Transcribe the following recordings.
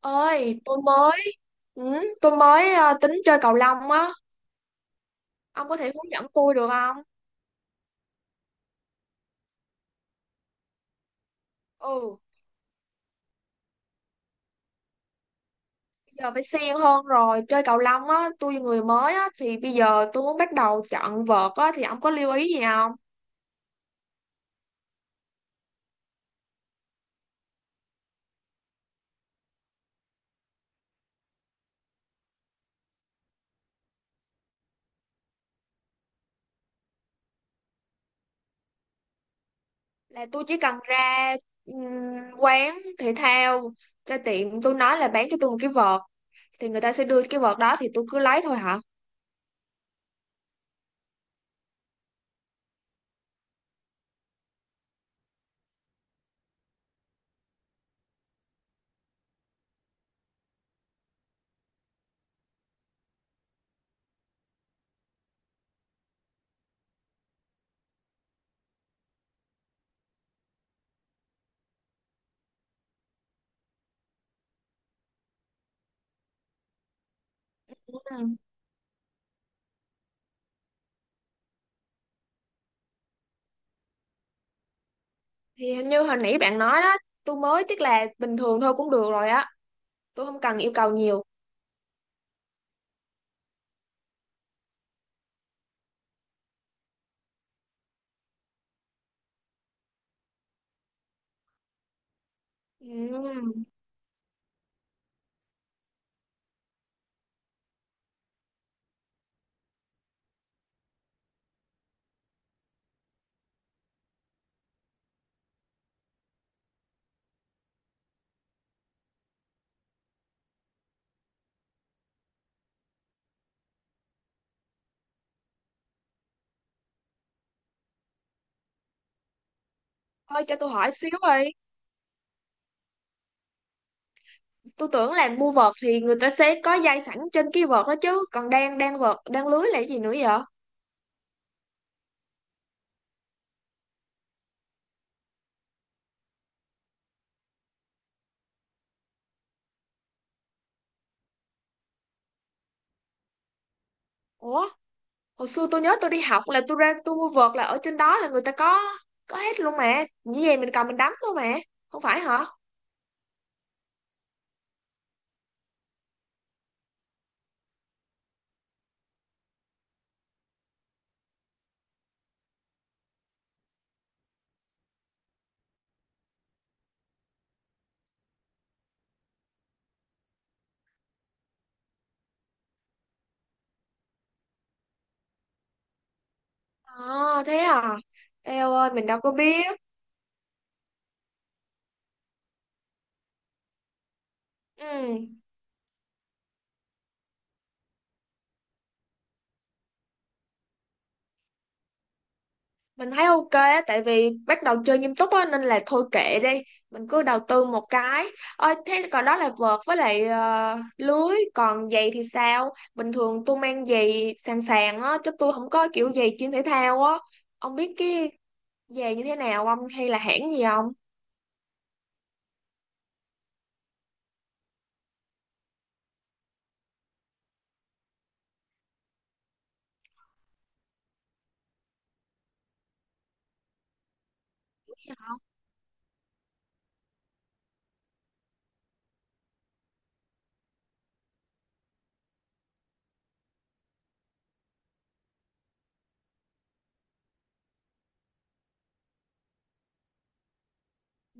Ơi tôi mới ừ, tôi mới ờ, tính chơi cầu lông á. Ông có thể hướng dẫn tôi được không? Ừ, bây giờ phải siêng hơn rồi chơi cầu lông á. Tôi người mới á, thì bây giờ tôi muốn bắt đầu chọn vợt á, thì ông có lưu ý gì không? Là tôi chỉ cần ra ừm, quán thể thao, ra tiệm tôi nói là bán cho tôi một cái vợt, thì người ta sẽ đưa cái vợt đó thì tôi cứ lấy thôi hả? Ừ. Thì hình như hồi nãy bạn nói đó, tôi mới chắc là bình thường thôi cũng được rồi á, tôi không cần yêu cầu nhiều. Ừ. Ôi, cho tôi hỏi xíu đi. Tôi tưởng làm mua vợt thì người ta sẽ có dây sẵn trên cái vợt đó chứ. Còn đang đang vợt, đang lưới là cái gì nữa vậy? Ủa, hồi xưa tôi nhớ tôi đi học là tôi ra tôi mua vợt là ở trên đó là người ta có hết luôn mà. Như vậy mình cầm mình đánh thôi mà. Không phải hả? À, thế à? Eo ơi, mình đâu có biết. Ừ, mình thấy ok á, tại vì bắt đầu chơi nghiêm túc á nên là thôi kệ đi, mình cứ đầu tư một cái. Ôi thế còn đó là vợt với lại lưới, còn giày thì sao? Bình thường tôi mang giày sàn sàn á chứ tôi không có kiểu giày chuyên thể thao á. Ông biết cái giày như thế nào không, hay là hãng gì không?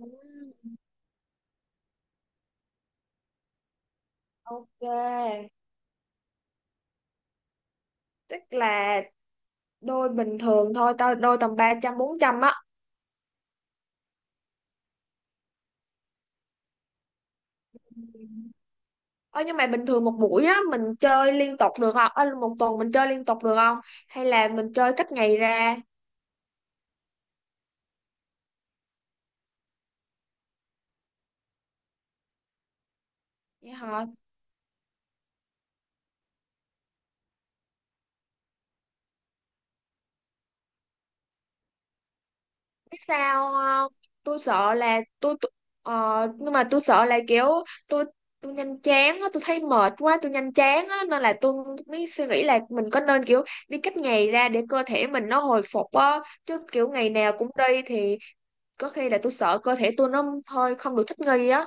Ừ, ok. Tức là đôi bình thường thôi, tao đôi tầm 300 400 á. Ơ nhưng mà bình thường một buổi á mình chơi liên tục được không? Ơ một tuần mình chơi liên tục được không? Hay là mình chơi cách ngày ra? Vậy hả? Biết sao không? Tôi sợ là tôi- ờ, nhưng mà tôi sợ là kiểu tôi tôi nhanh chán á, tôi thấy mệt quá, tôi nhanh chán á nên là tôi mới suy nghĩ là mình có nên kiểu đi cách ngày ra để cơ thể mình nó hồi phục á, chứ kiểu ngày nào cũng đi thì có khi là tôi sợ cơ thể tôi nó hơi không được thích nghi á.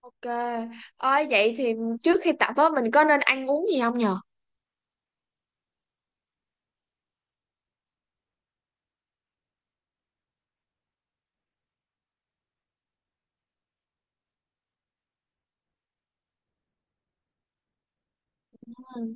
Ok. Ôi vậy thì trước khi tập á mình có nên ăn uống gì không nhờ? Ừ.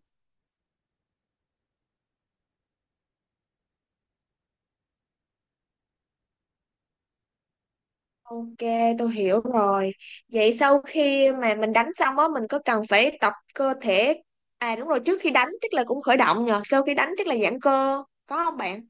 Ok, tôi hiểu rồi. Vậy sau khi mà mình đánh xong á mình có cần phải tập cơ thể. À đúng rồi, trước khi đánh chắc là cũng khởi động nhờ, sau khi đánh chắc là giãn cơ, có không bạn?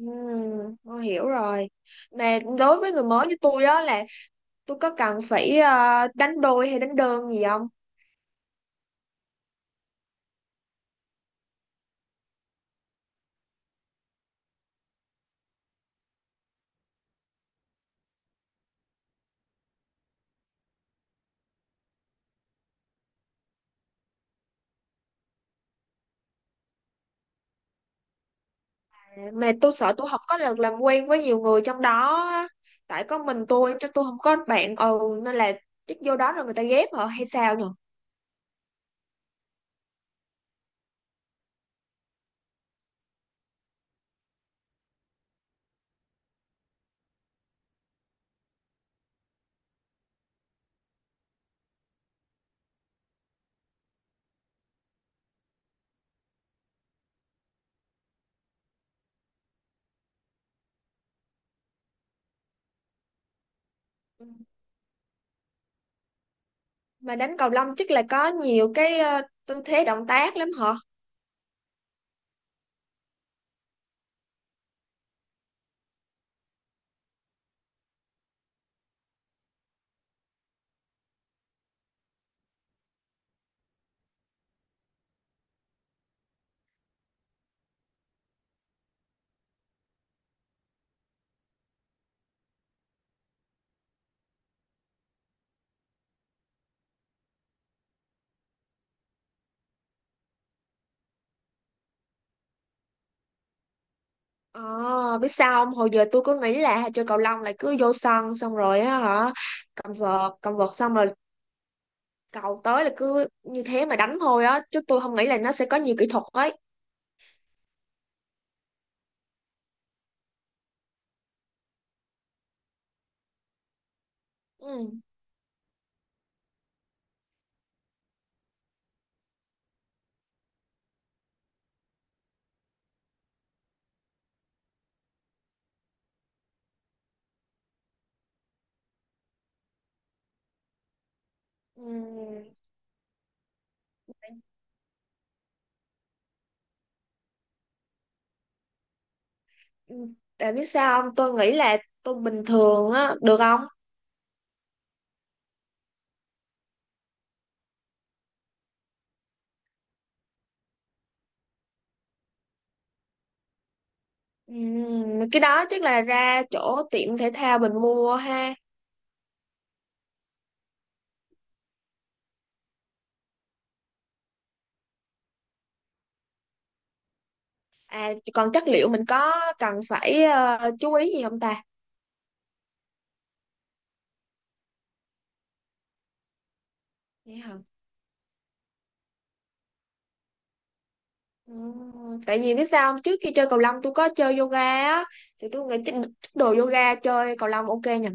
Ừ, tôi hiểu rồi. Mà đối với người mới như tôi á, là tôi có cần phải đánh đôi hay đánh đơn gì không? Mà tôi sợ tôi không có được làm quen với nhiều người trong đó á. Tại có mình tôi chứ tôi không có bạn, ừ, nên là chắc vô đó rồi người ta ghép hả hay sao nhỉ? Ừ. Mà đánh cầu lông chắc là có nhiều cái tư thế động tác lắm hả? Ờ biết sao không, hồi giờ tôi cứ nghĩ là chơi cầu lông là cứ vô sân xong rồi á hả, cầm vợt xong rồi cầu tới là cứ như thế mà đánh thôi á, chứ tôi không nghĩ là nó sẽ có nhiều kỹ thuật ấy. Ừ. Ừ. Ừ, tại biết sao không? Tôi nghĩ là tôi bình thường á, được không? Cái đó chắc là ra chỗ tiệm thể thao mình mua ha. À, còn chất liệu mình có cần phải chú ý gì không ta? Vậy hả? Tại vì biết sao không? Trước khi chơi cầu lông tôi có chơi yoga á, thì tôi nghĩ chắc chắc đồ yoga chơi cầu lông ok nhỉ?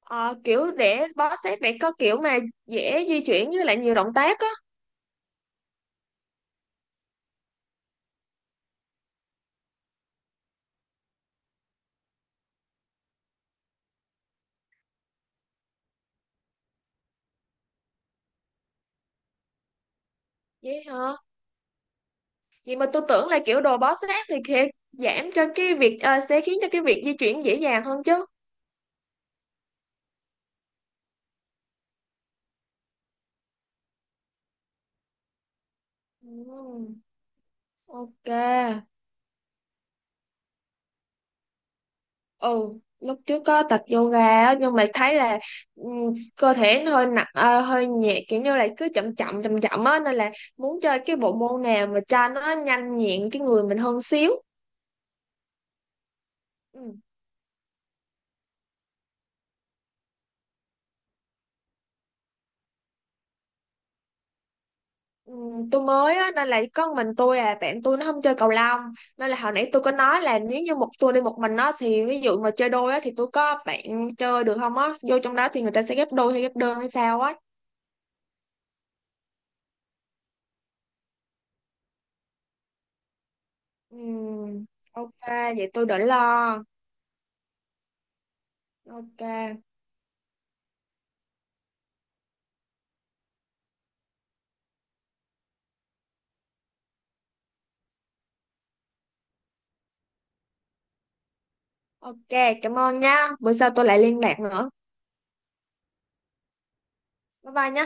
Ờ, kiểu để bó sát để có kiểu mà dễ di chuyển với lại nhiều động tác á. Vậy hả? Vậy mà tôi tưởng là kiểu đồ bó sát thì sẽ giảm cho cái việc sẽ khiến cho cái việc di chuyển dễ dàng hơn chứ. Ừm, ok. Ừ, lúc trước có tập yoga á, nhưng mà thấy là cơ thể nó hơi nặng hơi nhẹ kiểu như là cứ chậm chậm chậm chậm á nên là muốn chơi cái bộ môn nào mà cho nó nhanh nhẹn cái người mình hơn xíu. Ừ. Ừ, tôi mới á, nên là chỉ có mình tôi, à, bạn tôi nó không chơi cầu lông, nên là hồi nãy tôi có nói là nếu như một tôi đi một mình á thì ví dụ mà chơi đôi á thì tôi có bạn chơi được không á, vô trong đó thì người ta sẽ ghép đôi hay ghép đơn hay sao á? Ừ, ok, vậy tôi đỡ lo. Ok. Ok, cảm ơn nha, bữa sau tôi lại liên lạc nữa. Bye bye nhá.